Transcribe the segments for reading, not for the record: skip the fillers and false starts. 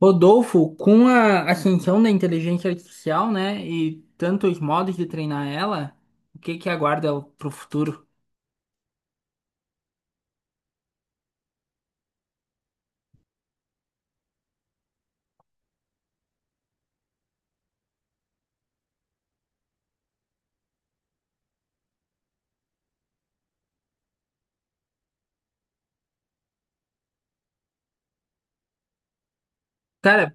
Rodolfo, com a ascensão da inteligência artificial, né, e tantos modos de treinar ela, o que que aguarda pro futuro? Cara,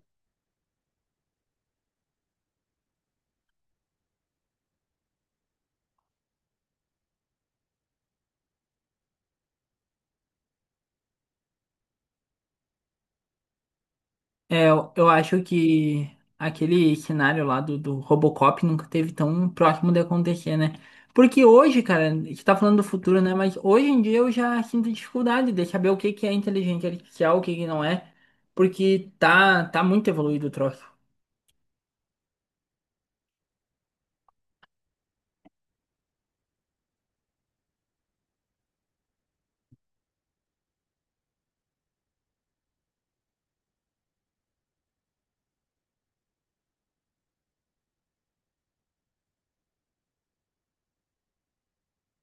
eu acho que aquele cenário lá do Robocop nunca teve tão próximo de acontecer, né? Porque hoje, cara, a gente tá falando do futuro, né, mas hoje em dia eu já sinto dificuldade de saber o que que é inteligência artificial, o que que não é, porque tá muito evoluído o troço.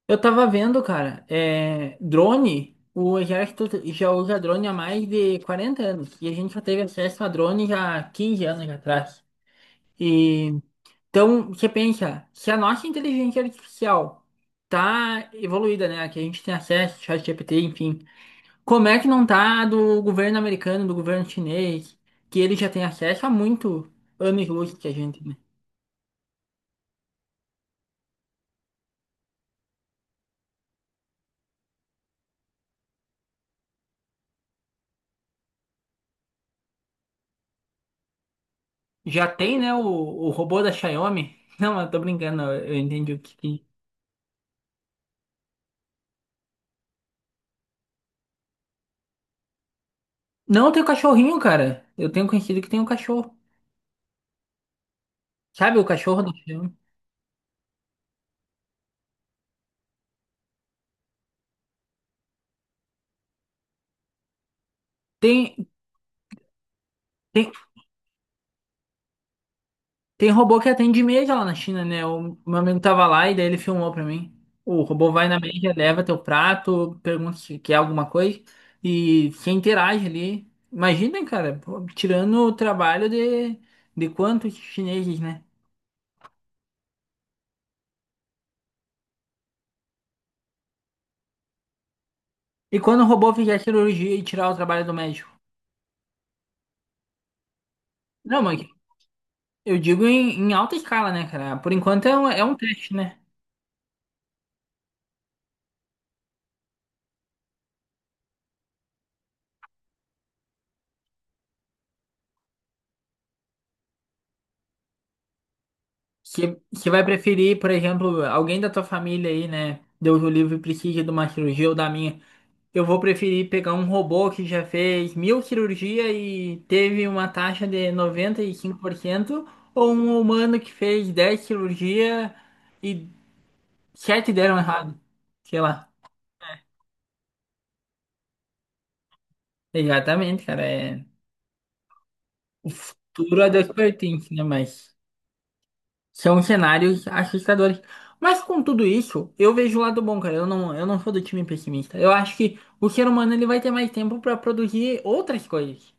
Eu tava vendo, cara, drone, o exército já usa drone há mais de 40 anos, e a gente já teve acesso a drone já há 15 anos atrás. E, então, você pensa, se a nossa inteligência artificial tá evoluída, né, que a gente tem acesso, ChatGPT, enfim, como é que não tá a do governo americano, do governo chinês, que ele já tem acesso há muito anos-luz que a gente, né? Já tem, né, o robô da Xiaomi? Não, eu tô brincando, eu entendi o que... Não, tem o cachorrinho, cara. Eu tenho conhecido que tem um cachorro. Sabe o cachorro do filme? Tem, tem, tem robô que atende média lá na China, né? O meu amigo tava lá e daí ele filmou pra mim. O robô vai na média, leva teu prato, pergunta se quer alguma coisa e se interage ali. Imagina, cara, pô, tirando o trabalho de quantos chineses, né? E quando o robô fizer cirurgia e tirar o trabalho do médico? Não, mas eu digo em alta escala, né, cara? Por enquanto é um teste, né? Que, que vai preferir, por exemplo, alguém da tua família aí, né? Deus o livre precisa de uma cirurgia ou da minha. Eu vou preferir pegar um robô que já fez 1.000 cirurgias e teve uma taxa de 95% ou um humano que fez 10 cirurgias e 7 deram errado. Sei lá. Exatamente, cara. É... O futuro é Deus pertence, né? Mas. São cenários assustadores. Mas com tudo isso, eu vejo o lado bom, cara. Eu não sou do time pessimista. Eu acho que o ser humano ele vai ter mais tempo para produzir outras coisas.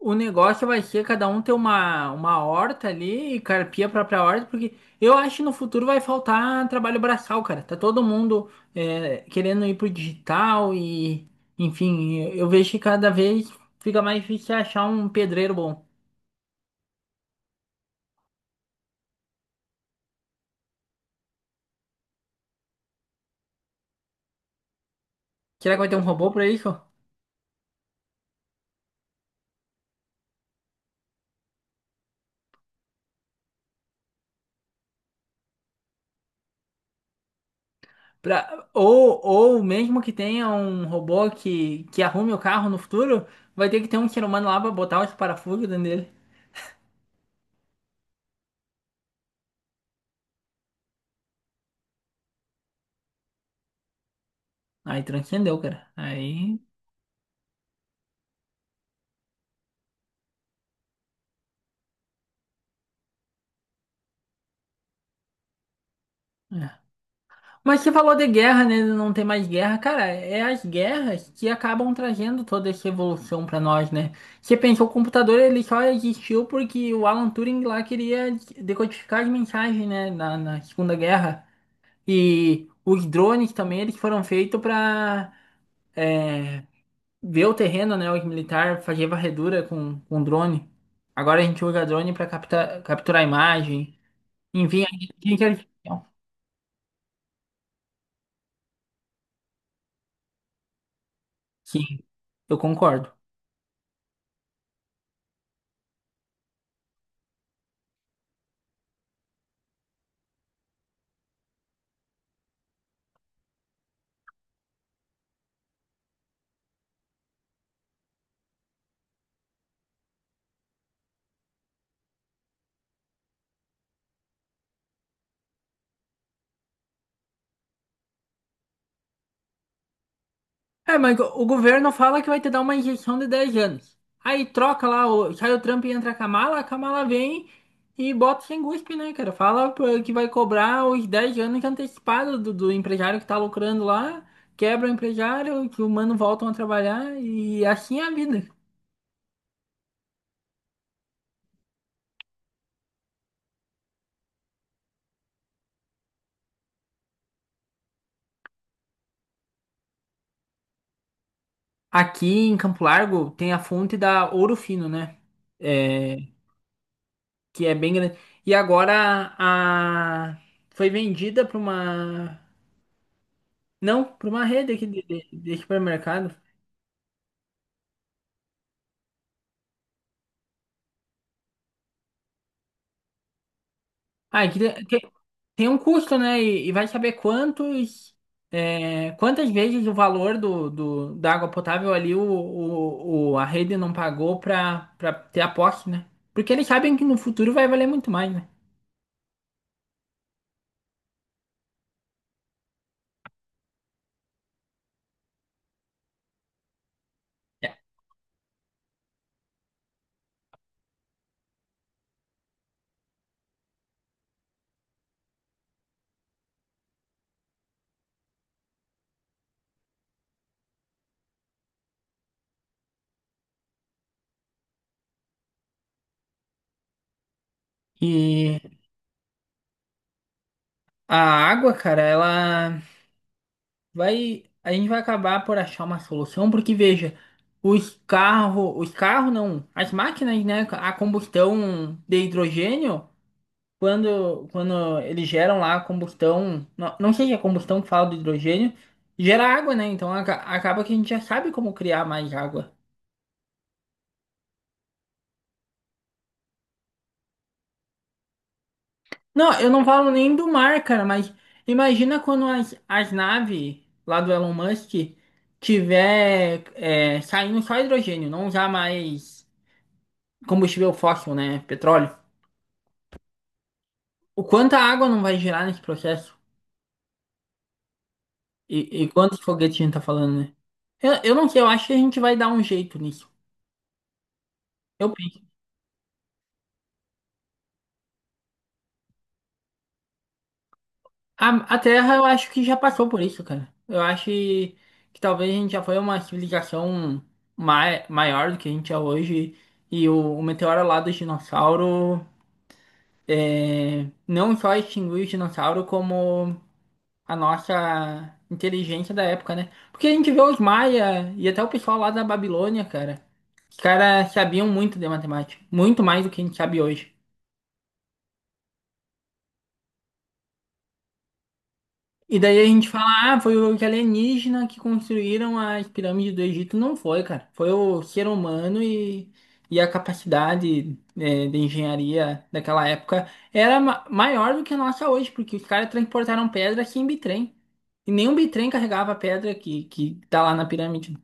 O negócio vai ser cada um ter uma horta ali e carpir a própria horta, porque eu acho que no futuro vai faltar trabalho braçal, cara. Tá todo mundo querendo ir pro digital e, enfim, eu vejo que cada vez fica mais difícil achar um pedreiro bom. Será que vai ter um robô para isso? Ou mesmo que tenha um robô que arrume o carro no futuro, vai ter que ter um ser humano lá pra botar os parafusos dentro dele. Aí transcendeu, cara. Aí. É. Mas você falou de guerra, né? de Não tem mais guerra. Cara, é as guerras que acabam trazendo toda essa evolução pra nós, né? Você pensou, o computador ele só existiu porque o Alan Turing lá queria decodificar as mensagens, né? Na Segunda Guerra. E os drones também, eles foram feitos pra é, ver o terreno, né, o militar, fazer varredura com drone. Agora a gente usa drone para capturar imagem. Enfim, a inteligência artificial. Sim, eu concordo. É, mas o governo fala que vai te dar uma injeção de 10 anos. Aí troca lá, sai o Trump e entra a Kamala, vem e bota sem guspe, né, cara? Fala pô, que vai cobrar os 10 anos antecipados do empresário que tá lucrando lá, quebra o empresário, que o mano voltam a trabalhar e assim é a vida. Aqui em Campo Largo tem a fonte da Ouro Fino, né? É, que é bem grande. E agora a foi vendida para uma, não, para uma rede aqui de supermercado. Ah, que tem um custo, né? E vai saber quantas vezes o valor do, do da água potável ali a rede não pagou para ter a posse, né? Porque eles sabem que no futuro vai valer muito mais, né? É. E a água, cara, a gente vai acabar por achar uma solução, porque veja, os carros não, as máquinas, né, a combustão de hidrogênio, quando eles geram lá a combustão, não sei se é combustão que fala do hidrogênio, gera água, né? Então acaba que a gente já sabe como criar mais água. Não, eu não falo nem do mar, cara, mas imagina quando as naves lá do Elon Musk tiver saindo só hidrogênio, não usar mais combustível fóssil, né? Petróleo. O quanto a água não vai gerar nesse processo? E quantos foguetes a gente tá falando, né? Eu não sei, eu acho que a gente vai dar um jeito nisso. Eu penso. A Terra, eu acho que já passou por isso, cara. Eu acho que talvez a gente já foi uma civilização maior do que a gente é hoje. E o meteoro lá dos dinossauros não só extinguiu os dinossauros como a nossa inteligência da época, né? Porque a gente vê os maia e até o pessoal lá da Babilônia, cara. Os caras sabiam muito de matemática, muito mais do que a gente sabe hoje. E daí a gente fala, ah, foi os alienígenas que construíram as pirâmides do Egito. Não foi, cara. Foi o ser humano e a capacidade, de engenharia daquela época era maior do que a nossa hoje, porque os caras transportaram pedra sem bitrem. E nenhum bitrem carregava a pedra que tá lá na pirâmide.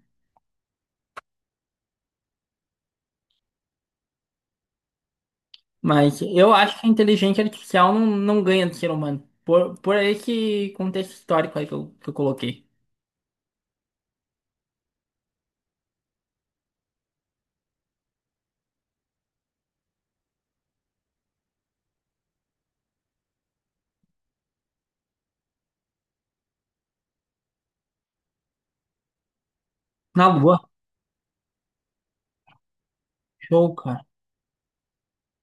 Mas eu acho que a inteligência artificial não ganha do ser humano. Por esse contexto histórico aí que eu coloquei. Na Lua, show, cara.